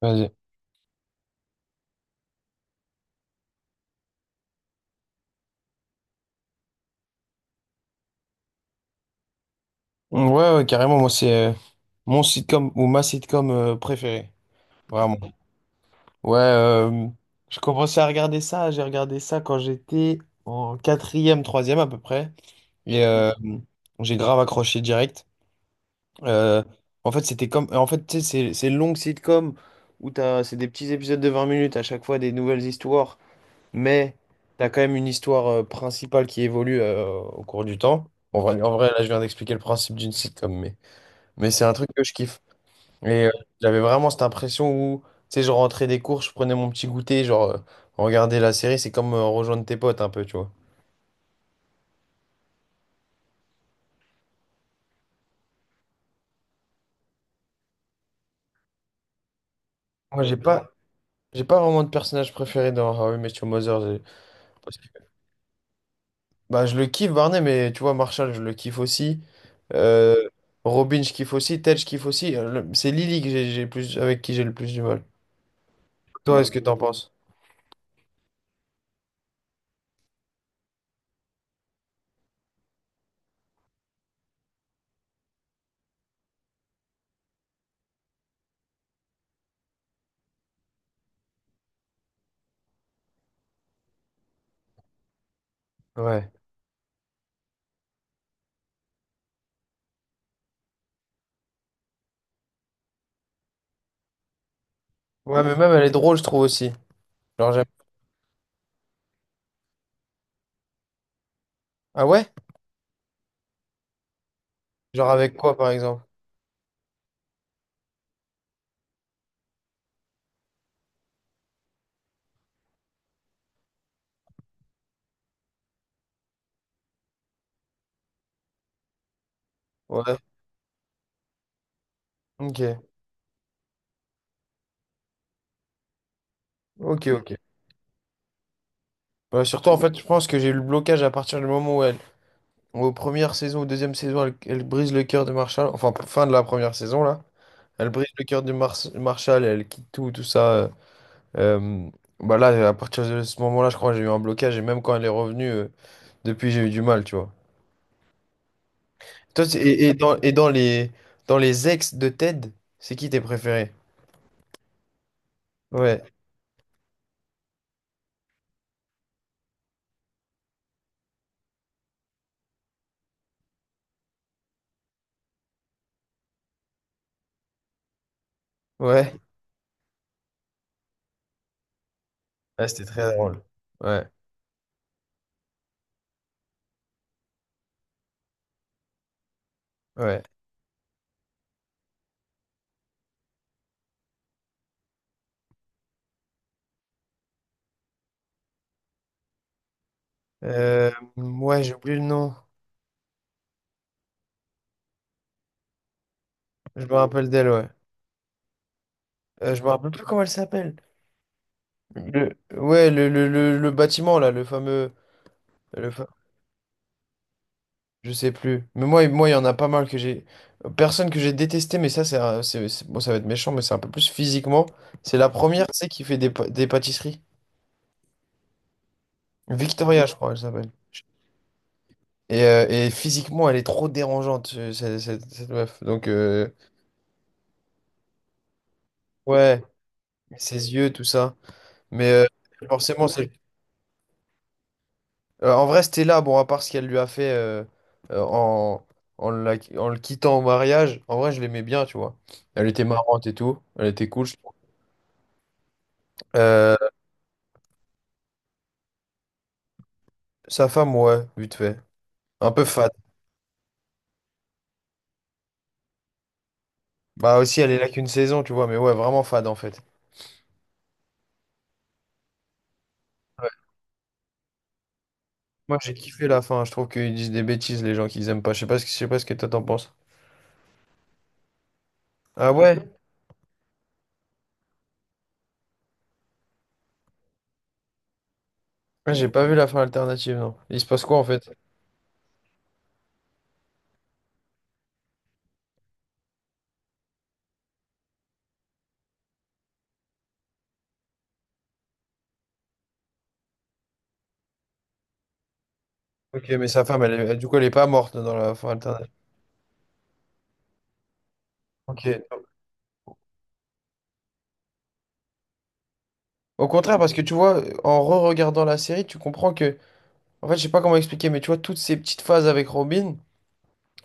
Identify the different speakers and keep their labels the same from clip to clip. Speaker 1: Vas-y. Ouais, ouais, carrément, moi, c'est mon sitcom ou ma sitcom préférée. Vraiment. Ouais, je commençais à regarder ça. J'ai regardé ça quand j'étais en quatrième, troisième à peu près. Et j'ai grave accroché direct. Euh, En fait, c'était comme. En fait, tu sais, c'est une longue sitcom où t'as, c'est des petits épisodes de 20 minutes à chaque fois, des nouvelles histoires. Mais t'as quand même une histoire principale qui évolue au cours du temps. En vrai, là, je viens d'expliquer le principe d'une sitcom, mais. Mais c'est un truc que je kiffe. Et j'avais vraiment cette impression où, tu sais, je rentrais des cours, je prenais mon petit goûter, genre, regarder la série, c'est comme rejoindre tes potes un peu, tu vois. Moi, j'ai pas vraiment de personnage préféré dans How I Met Your Mother. Parce que- Bah, je le kiffe, Barney, mais tu vois, Marshall, je le kiffe aussi. Euh, Robin, je kiffe aussi. Ted, je kiffe aussi. C'est Lily que j'ai plus, avec qui j'ai le plus du mal. Toi, est-ce que t'en penses? Ouais. Ouais, mais même, elle est drôle, je trouve aussi. Genre, j'aime. Ah ouais? Genre, avec quoi, par exemple? Ouais. Ok. Ok, ok. Bah, surtout, en fait, je pense que j'ai eu le blocage à partir du moment où elle, aux premières saisons, aux deuxième saison, elle brise le cœur de Marshall. Enfin, fin de la première saison, là. Elle brise le cœur de Marshall, elle quitte tout ça. Euh, Bah là, à partir de ce moment-là, je crois que j'ai eu un blocage. Et même quand elle est revenue, depuis, j'ai eu du mal, tu vois. Toi, et dans les ex de Ted, c'est qui tes préférés? Ouais, ouais. Ouais, c'était très drôle. Ouais, ouais. Euh, ouais, j'ai oublié le nom. Je me rappelle d'elle, ouais. Je me rappelle plus comment elle s'appelle. Le- ouais, le bâtiment là, le fameux, le fa- je sais plus. Mais moi, il y en a pas mal que j'ai. Personne que j'ai détesté, mais ça, c'est, un- c'est- bon, ça va être méchant, mais c'est un peu plus physiquement. C'est la première, tu sais, qui fait des pâtisseries. Victoria, je crois, elle s'appelle. Et physiquement, elle est trop dérangeante, cette meuf. Donc, ouais, ses yeux, tout ça. Mais forcément, celle. En vrai, Stella, bon, à part ce qu'elle lui a fait euh, en, en le quittant au mariage, en vrai, je l'aimais bien, tu vois. Elle était marrante et tout. Elle était cool, je trouve. Euh, Sa femme, ouais, vite fait. Un peu fade. Bah aussi, elle est là qu'une saison, tu vois, mais ouais, vraiment fade en fait. Moi, j'ai kiffé la fin. Je trouve qu'ils disent des bêtises, les gens qu'ils aiment pas. Je sais pas ce que toi t'en penses. Ah ouais? Ouais, j'ai pas vu la fin alternative, non. Il se passe quoi en fait? Ok, mais sa femme, du coup, elle est pas morte dans la fin alternative. Ok. Au contraire, parce que tu vois, en re-regardant la série, tu comprends que en fait, je sais pas comment expliquer, mais tu vois, toutes ces petites phases avec Robin,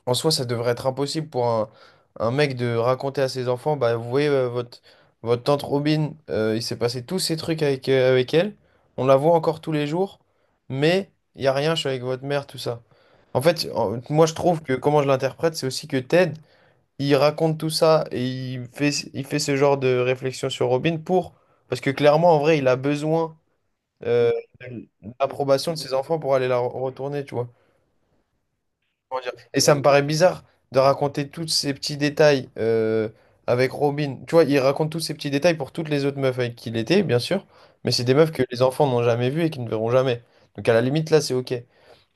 Speaker 1: en soi, ça devrait être impossible pour un mec de raconter à ses enfants, bah, vous voyez, votre tante Robin, il s'est passé tous ces trucs avec elle, on la voit encore tous les jours, mais il y a rien, je suis avec votre mère, tout ça. En fait, moi, je trouve que comment je l'interprète, c'est aussi que Ted, il raconte tout ça et il fait ce genre de réflexion sur Robin parce que clairement, en vrai, il a besoin, euh, de l'approbation de ses enfants pour aller la retourner, tu vois. Comment dire. Et ça me paraît bizarre de raconter tous ces petits détails avec Robin. Tu vois, il raconte tous ces petits détails pour toutes les autres meufs avec qui il était, bien sûr. Mais c'est des meufs que les enfants n'ont jamais vues et qui ne verront jamais. Donc à la limite, là, c'est OK.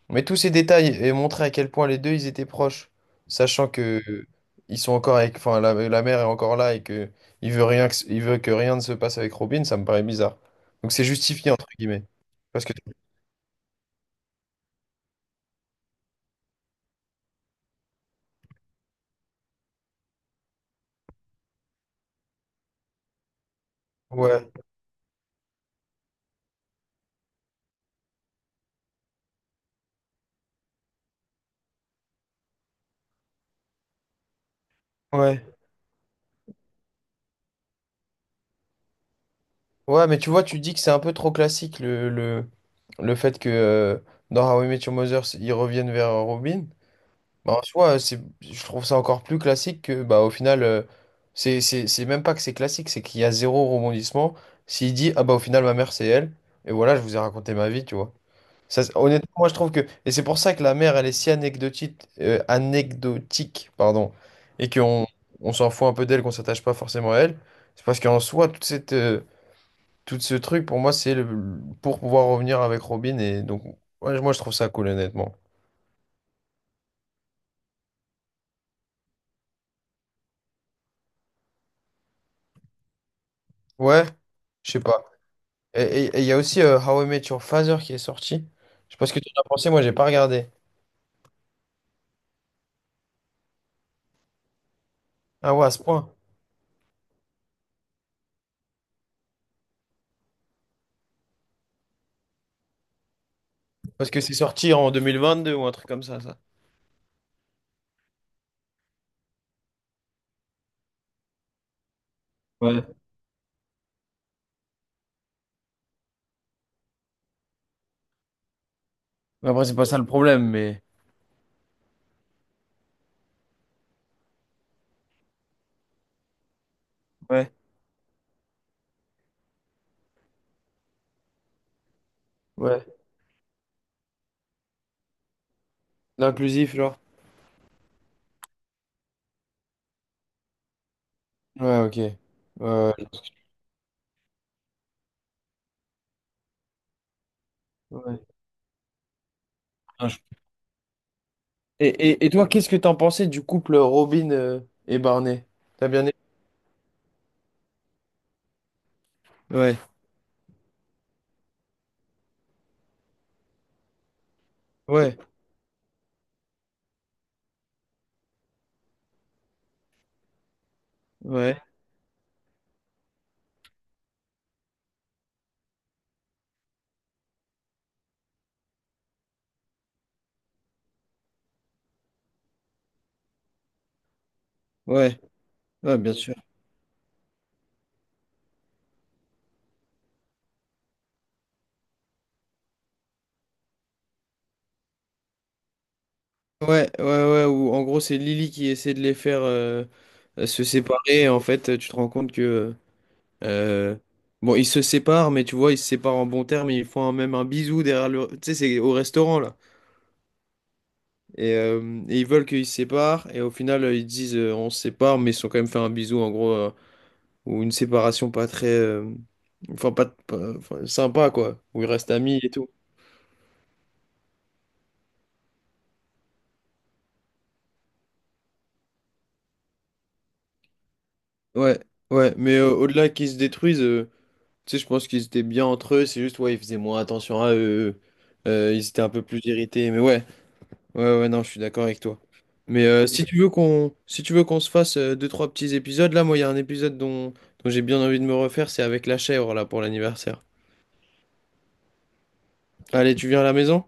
Speaker 1: Mais tous ces détails et montrer à quel point les deux, ils étaient proches, sachant que ils sont encore avec, enfin, la mère est encore là et que il veut que rien ne se passe avec Robin, ça me paraît bizarre. Donc c'est justifié entre guillemets. Parce que ouais, ouais. Ouais, mais tu vois, tu dis que c'est un peu trop classique le fait que dans How I Met Your Mother, ils reviennent vers Robin. Bah, en soi, je trouve ça encore plus classique que, bah, au final, c'est même pas que c'est classique, c'est qu'il y a zéro rebondissement. S'il dit, ah bah, au final, ma mère, c'est elle, et voilà, je vous ai raconté ma vie, tu vois. Ça, honnêtement, moi, je trouve que. Et c'est pour ça que la mère, elle est si anecdotique, pardon, et qu'on s'en fout un peu d'elle, qu'on s'attache pas forcément à elle. C'est parce qu'en soi, toute cette. Tout ce truc, pour moi, c'est le... pour pouvoir revenir avec Robin. Et donc, ouais, moi, je trouve ça cool, honnêtement. Ouais, je sais pas. Et il y a aussi How I Met Your Father qui est sorti. Je sais pas ce que tu en as pensé, moi, j'ai pas regardé. Ah ouais, à ce point. Parce que c'est sorti en 2022 ou un truc comme ça. Ouais. Mais après, c'est pas ça le problème, mais. Ouais, ouais. L'inclusif, genre. Ouais, ok. Euh, Ouais. Non, et toi, qu'est-ce que t'en pensais du couple Robin et Barney? T'as bien aimé? Ouais, ouais, ouais, ouais, ouais, bien sûr. Ouais, ouais, ouais, où en gros c'est Lily qui essaie de les faire se séparer. Et en fait, tu te rends compte que euh, bon, ils se séparent, mais tu vois, ils se séparent en bon terme. Ils font même un bisou derrière tu sais, c'est au restaurant là. Et ils veulent qu'ils se séparent. Et au final, ils disent on se sépare, mais ils se sont quand même fait un bisou en gros ou une séparation pas très, enfin, sympa quoi, où ils restent amis et tout. Ouais, ouais, mais au-delà qu'ils se détruisent. Tu sais, je pense qu'ils étaient bien entre eux, c'est juste, ouais, ils faisaient moins attention à eux. Ils étaient un peu plus irrités, mais ouais, ouais, ouais, non, je suis d'accord avec toi. Mais si tu veux qu'on se fasse deux, trois petits épisodes, là, moi, il y a un épisode dont j'ai bien envie de me refaire, c'est avec la chèvre, là, pour l'anniversaire. Allez, tu viens à la maison?